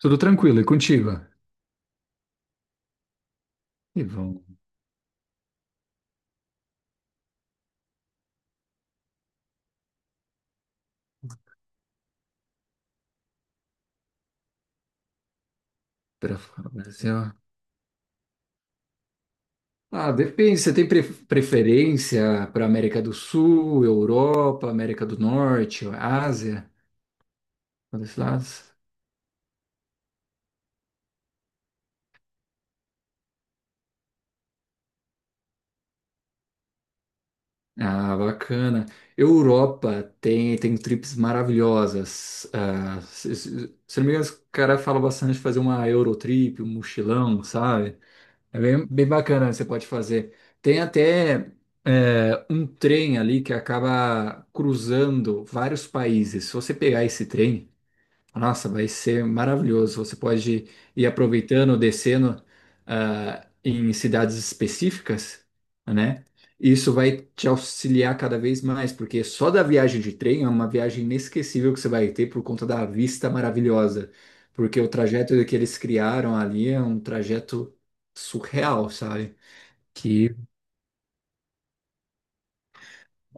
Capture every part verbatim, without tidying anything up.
Tudo tranquilo, e contigo? E vão para fora do Brasil. Ah, depende. Você tem pre- preferência para América do Sul, Europa, América do Norte, Ásia? Um desses lados? Ah, bacana. Europa tem, tem trips maravilhosas. Ah, se, se, se não me engano, os caras falam bastante de fazer uma Eurotrip, um mochilão, sabe? É bem, bem bacana, você pode fazer. Tem até é, um trem ali que acaba cruzando vários países. Se você pegar esse trem, nossa, vai ser maravilhoso. Você pode ir aproveitando, descendo, ah, em cidades específicas, né? Isso vai te auxiliar cada vez mais, porque só da viagem de trem é uma viagem inesquecível que você vai ter por conta da vista maravilhosa. Porque o trajeto que eles criaram ali é um trajeto surreal, sabe? Que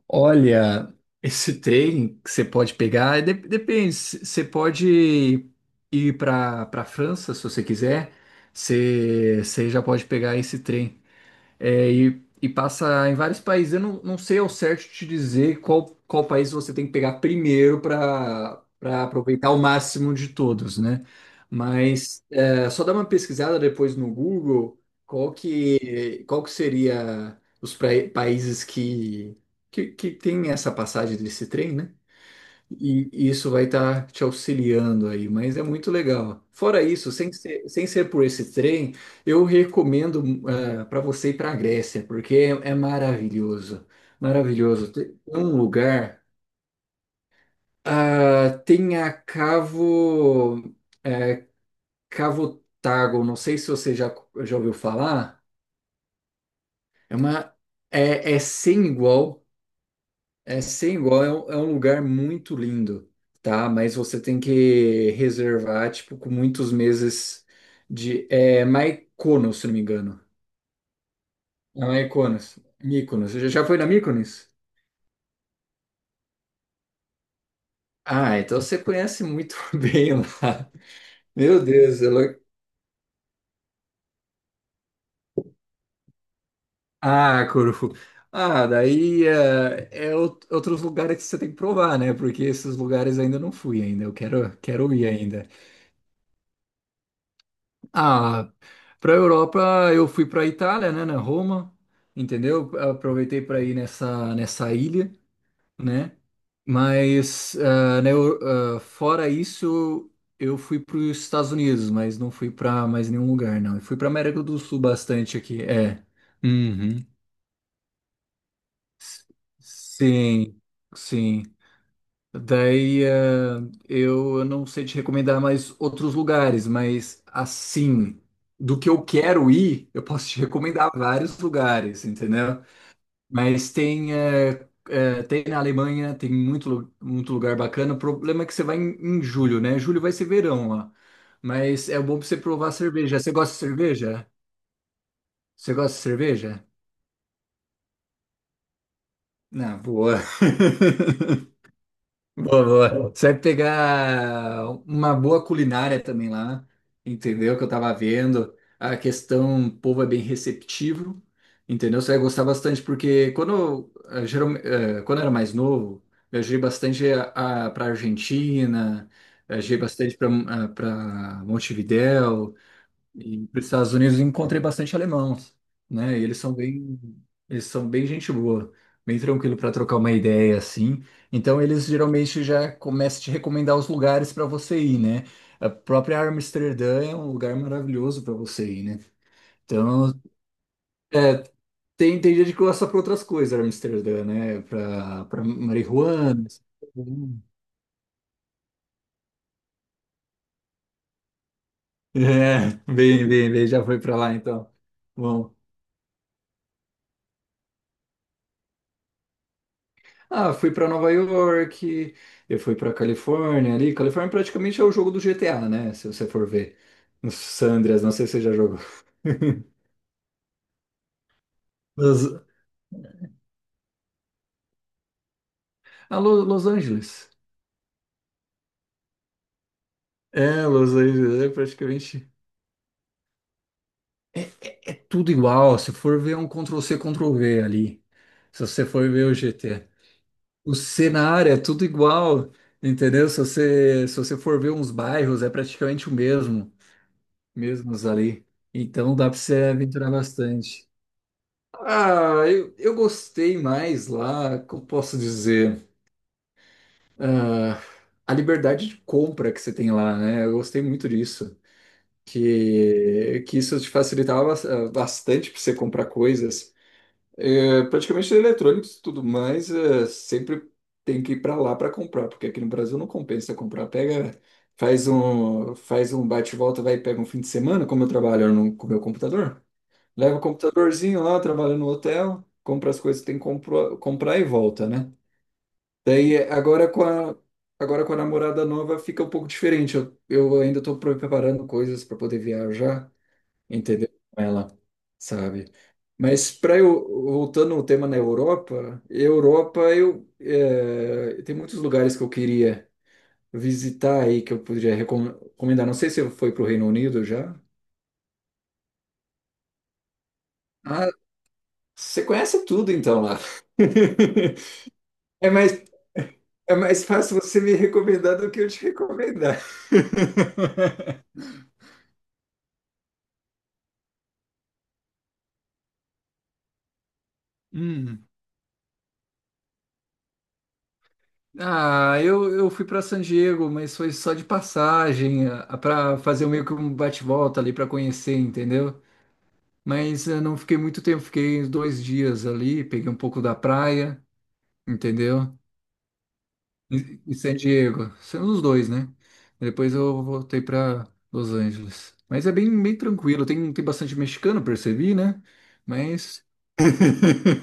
Olha, esse trem que você pode pegar, é de- depende, c- você pode ir para para França se você quiser, você, você já pode pegar esse trem. É, e, e passa em vários países. Eu não, não sei ao certo te dizer qual, qual país você tem que pegar primeiro para para aproveitar o máximo de todos, né? Mas é, só dá uma pesquisada depois no Google qual que, qual que seria os pra- países que, que, que tem essa passagem desse trem, né? E isso vai estar te auxiliando aí, mas é muito legal. Fora isso, sem ser, sem ser por esse trem, eu recomendo para você ir para a Grécia, porque é, é maravilhoso. Maravilhoso. Tem um lugar, ah, tem a Cavo, é, Cavotago, não sei se você já, já ouviu falar, é, uma, é, é sem igual. É sem igual, é um, é um lugar muito lindo, tá? Mas você tem que reservar, tipo, com muitos meses de... É Mykonos, se não me engano. É Mykonos. Mykonos. Você já foi na Mykonos? Ah, então você conhece muito bem lá. Meu Deus, ela... Ah, Corfu. Ah, daí é, é out- outros lugares que você tem que provar, né? Porque esses lugares ainda não fui ainda. Eu quero, quero ir ainda. Ah, para a Europa eu fui para a Itália, né, na Roma, entendeu? Aproveitei para ir nessa nessa ilha, né? Mas ah, na Eu- ah, fora isso eu fui para os Estados Unidos, mas não fui para mais nenhum lugar, não. Eu fui para América do Sul bastante aqui, é. Uhum. S- Sim, sim. Daí, eh, eu eu não sei te recomendar mais outros lugares, mas assim, do que eu quero ir, eu posso te recomendar vários lugares, entendeu? Mas tem, eh, eh, tem na Alemanha, tem muito, lu- muito lugar bacana. O problema é que você vai em, em julho, né? Julho vai ser verão lá. Mas é bom pra você provar cerveja. Você gosta de cerveja? Você gosta de cerveja? Não, boa. Boa, boa. Você vai pegar uma boa culinária também lá, entendeu? Que eu tava vendo. A questão, o povo é bem receptivo, entendeu? Você vai gostar bastante, porque quando, eu, eh, geral- eh, quando eu era mais novo, viajei bastante para Argentina, viajei bastante para para Montevidéu, e para os Estados Unidos eu encontrei bastante alemão, né? E eles são bem, eles são bem gente boa, bem tranquilo para trocar uma ideia assim. Então eles geralmente já começam a te recomendar os lugares para você ir, né? A própria Amsterdã é um lugar maravilhoso para você ir, né? Então, é, tem, tem gente que gosta para outras coisas, Amsterdã, né? Para para marijuana, essas coisas, né? É, bem, bem, bem, já foi para lá então. Bom. Ah, fui para Nova York, eu fui para Califórnia ali. Califórnia praticamente é o jogo do G T A, né? Se você for ver. Os San Andreas, não sei se você já jogou. Mas, ah, Lo- Los Angeles. É, Los Angeles é praticamente. É, é- é tudo igual. Se for ver é um control c, control v ali. Se você for ver o G T. O cenário é tudo igual. Entendeu? Se você, se você for ver uns bairros, é praticamente o mesmo. Mesmos ali. Então dá para você aventurar bastante. Ah, eu, eu gostei mais lá, como posso dizer, ah, a liberdade de compra que você tem lá, né? Eu gostei muito disso, que, que isso te facilitava bas- ah, bastante para você comprar coisas. Eh, praticamente eletrônicos e tudo mais, eh, sempre tem que ir para lá para comprar, porque aqui no Brasil não compensa comprar. Pega, faz um, faz um bate e volta, vai e pega um fim de semana, como eu trabalho no, com o meu computador. Leva o computadorzinho lá, trabalha no hotel, compra as coisas que tem que compro- comprar e volta, né? Daí agora com a, agora com a namorada nova fica um pouco diferente. Eu, eu ainda estou preparando coisas para poder viajar, entendeu? Com ela, sabe? Mas para eu voltando ao tema na Europa, Europa eu eh, tem muitos lugares que eu queria visitar aí que eu poderia recom- recomendar. Não sei se foi para o Reino Unido já. Ah, você conhece tudo então lá. É mais, é mais fácil você me recomendar do que eu te recomendar. Hum. Ah, eu, eu fui para San Diego, mas foi só de passagem, para fazer meio que um bate-volta ali para conhecer, entendeu? Mas eu não fiquei muito tempo, fiquei uns dois dias ali, peguei um pouco da praia, entendeu? Em, em San Diego, sendo os dois, né? Depois eu voltei para Los Angeles. Mas é bem, bem tranquilo, tem, tem bastante mexicano, percebi, né? Mas.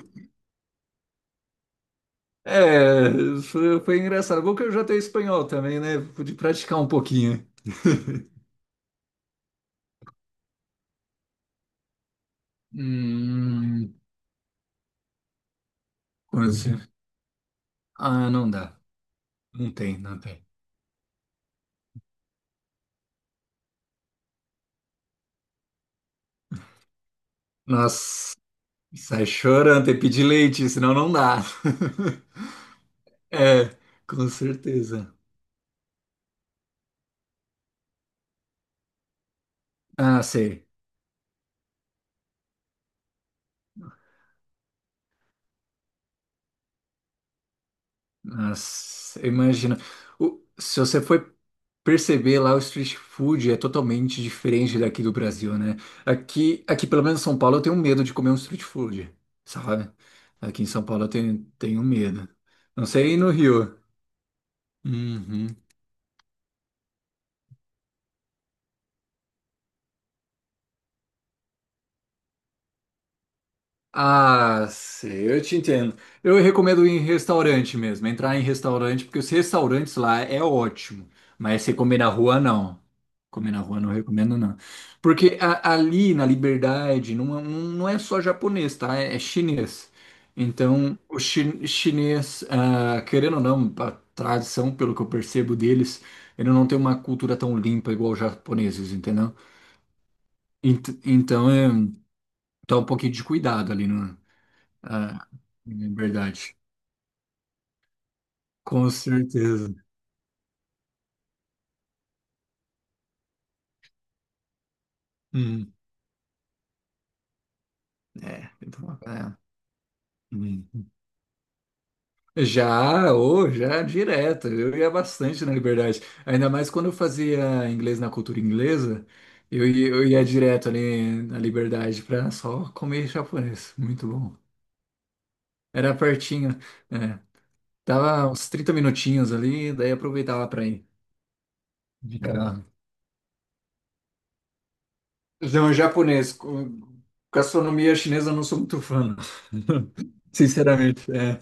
É, foi foi engraçado. Bom que eu já tenho espanhol também, né? Pude praticar um pouquinho. Hum, como assim? Ah, não dá. Não tem, não tem. Nossa, sai chorando, tem que pedir leite, senão não dá. É, com certeza. Ah, sei. Nossa, eu imagino. O- se você for perceber lá, o street food é totalmente diferente daqui do Brasil, né? Aqui, aqui pelo menos em São Paulo, eu tenho medo de comer um street food, sabe? Aqui em São Paulo eu tenho, tenho medo. Não sei aí no Rio. Uhum. Ah, sei, eu te entendo. Eu recomendo ir em restaurante mesmo, entrar em restaurante, porque os restaurantes lá é ótimo, mas você comer na rua, não. Comer na rua não recomendo, não. Porque a- ali na Liberdade não, é- não é só japonês, tá? É, é chinês. Então, o chi- chinês, ah, querendo ou não, a tradição, pelo que eu percebo deles, ele não tem uma cultura tão limpa igual os japoneses, entendeu? Ent- então, é, tá um pouquinho de cuidado ali, né? Ah, é verdade. Com certeza. Hum, é, tem que falar, é. Hum. Já, ou já é direto, eu ia bastante na Liberdade. Ainda mais quando eu fazia inglês na cultura inglesa, eu ia, eu ia direto ali na Liberdade pra só comer japonês. Muito bom. Era pertinho, é. Dava uns trinta minutinhos ali, daí aproveitava pra ir. de Ficar- Então, japonês, com- gastronomia chinesa eu não sou muito fã, não. Sinceramente. É.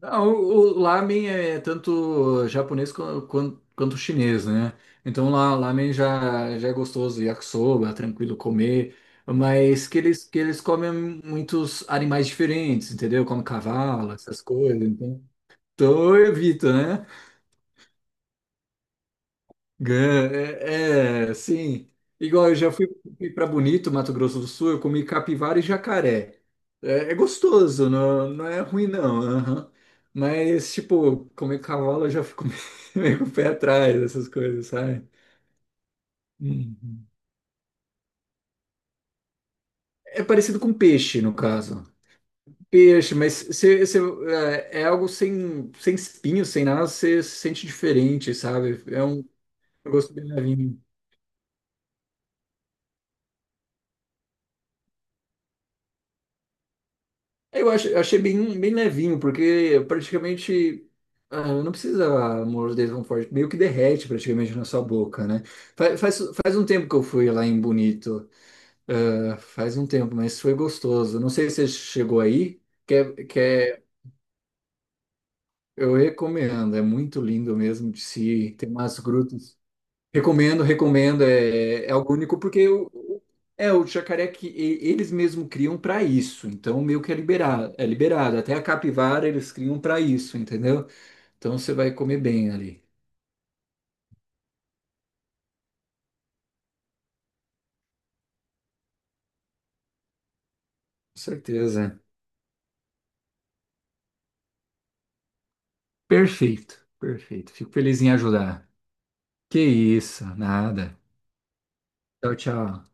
Ah, o, o lamen é tanto japonês quan- quan- quanto chinês, né? Então lá lamen já, já é gostoso, yakisoba, tranquilo comer, mas que eles que eles comem muitos animais diferentes, entendeu? Como cavalo, essas coisas, então, então eu evito, né? Gan- É, é, sim. Igual eu já fui, fui para Bonito, Mato Grosso do Sul, eu comi capivara e jacaré. É, é gostoso, não, não é ruim não. Aham. Mas, tipo, comer cavalo eu já fico meio com o pé atrás, essas coisas, sabe? Uhum. É parecido com peixe, no caso. Peixe, mas cê, cê, é, é algo sem, sem espinho, sem nada, você sente diferente, sabe? É um gosto bem levinho. É, eu acho, eu achei bem, bem levinho, porque praticamente ah, não precisa morder tão forte, meio que derrete praticamente na sua boca, né? Fa- Faz, faz um tempo que eu fui lá em Bonito, ah, faz um tempo, mas foi gostoso. Não sei se você chegou aí, que é, que é- eu recomendo, é muito lindo mesmo de se ir. Tem umas grutas. Recomendo, recomendo. É, é algo único porque o, o- é o jacaré que e- eles mesmo criam para isso. Então meio que é liberado, é liberado. Até a capivara eles criam para isso, entendeu? Então você vai comer bem ali. Com certeza. Perfeito, perfeito. Fico feliz em ajudar. Que isso, nada. Tchau, tchau.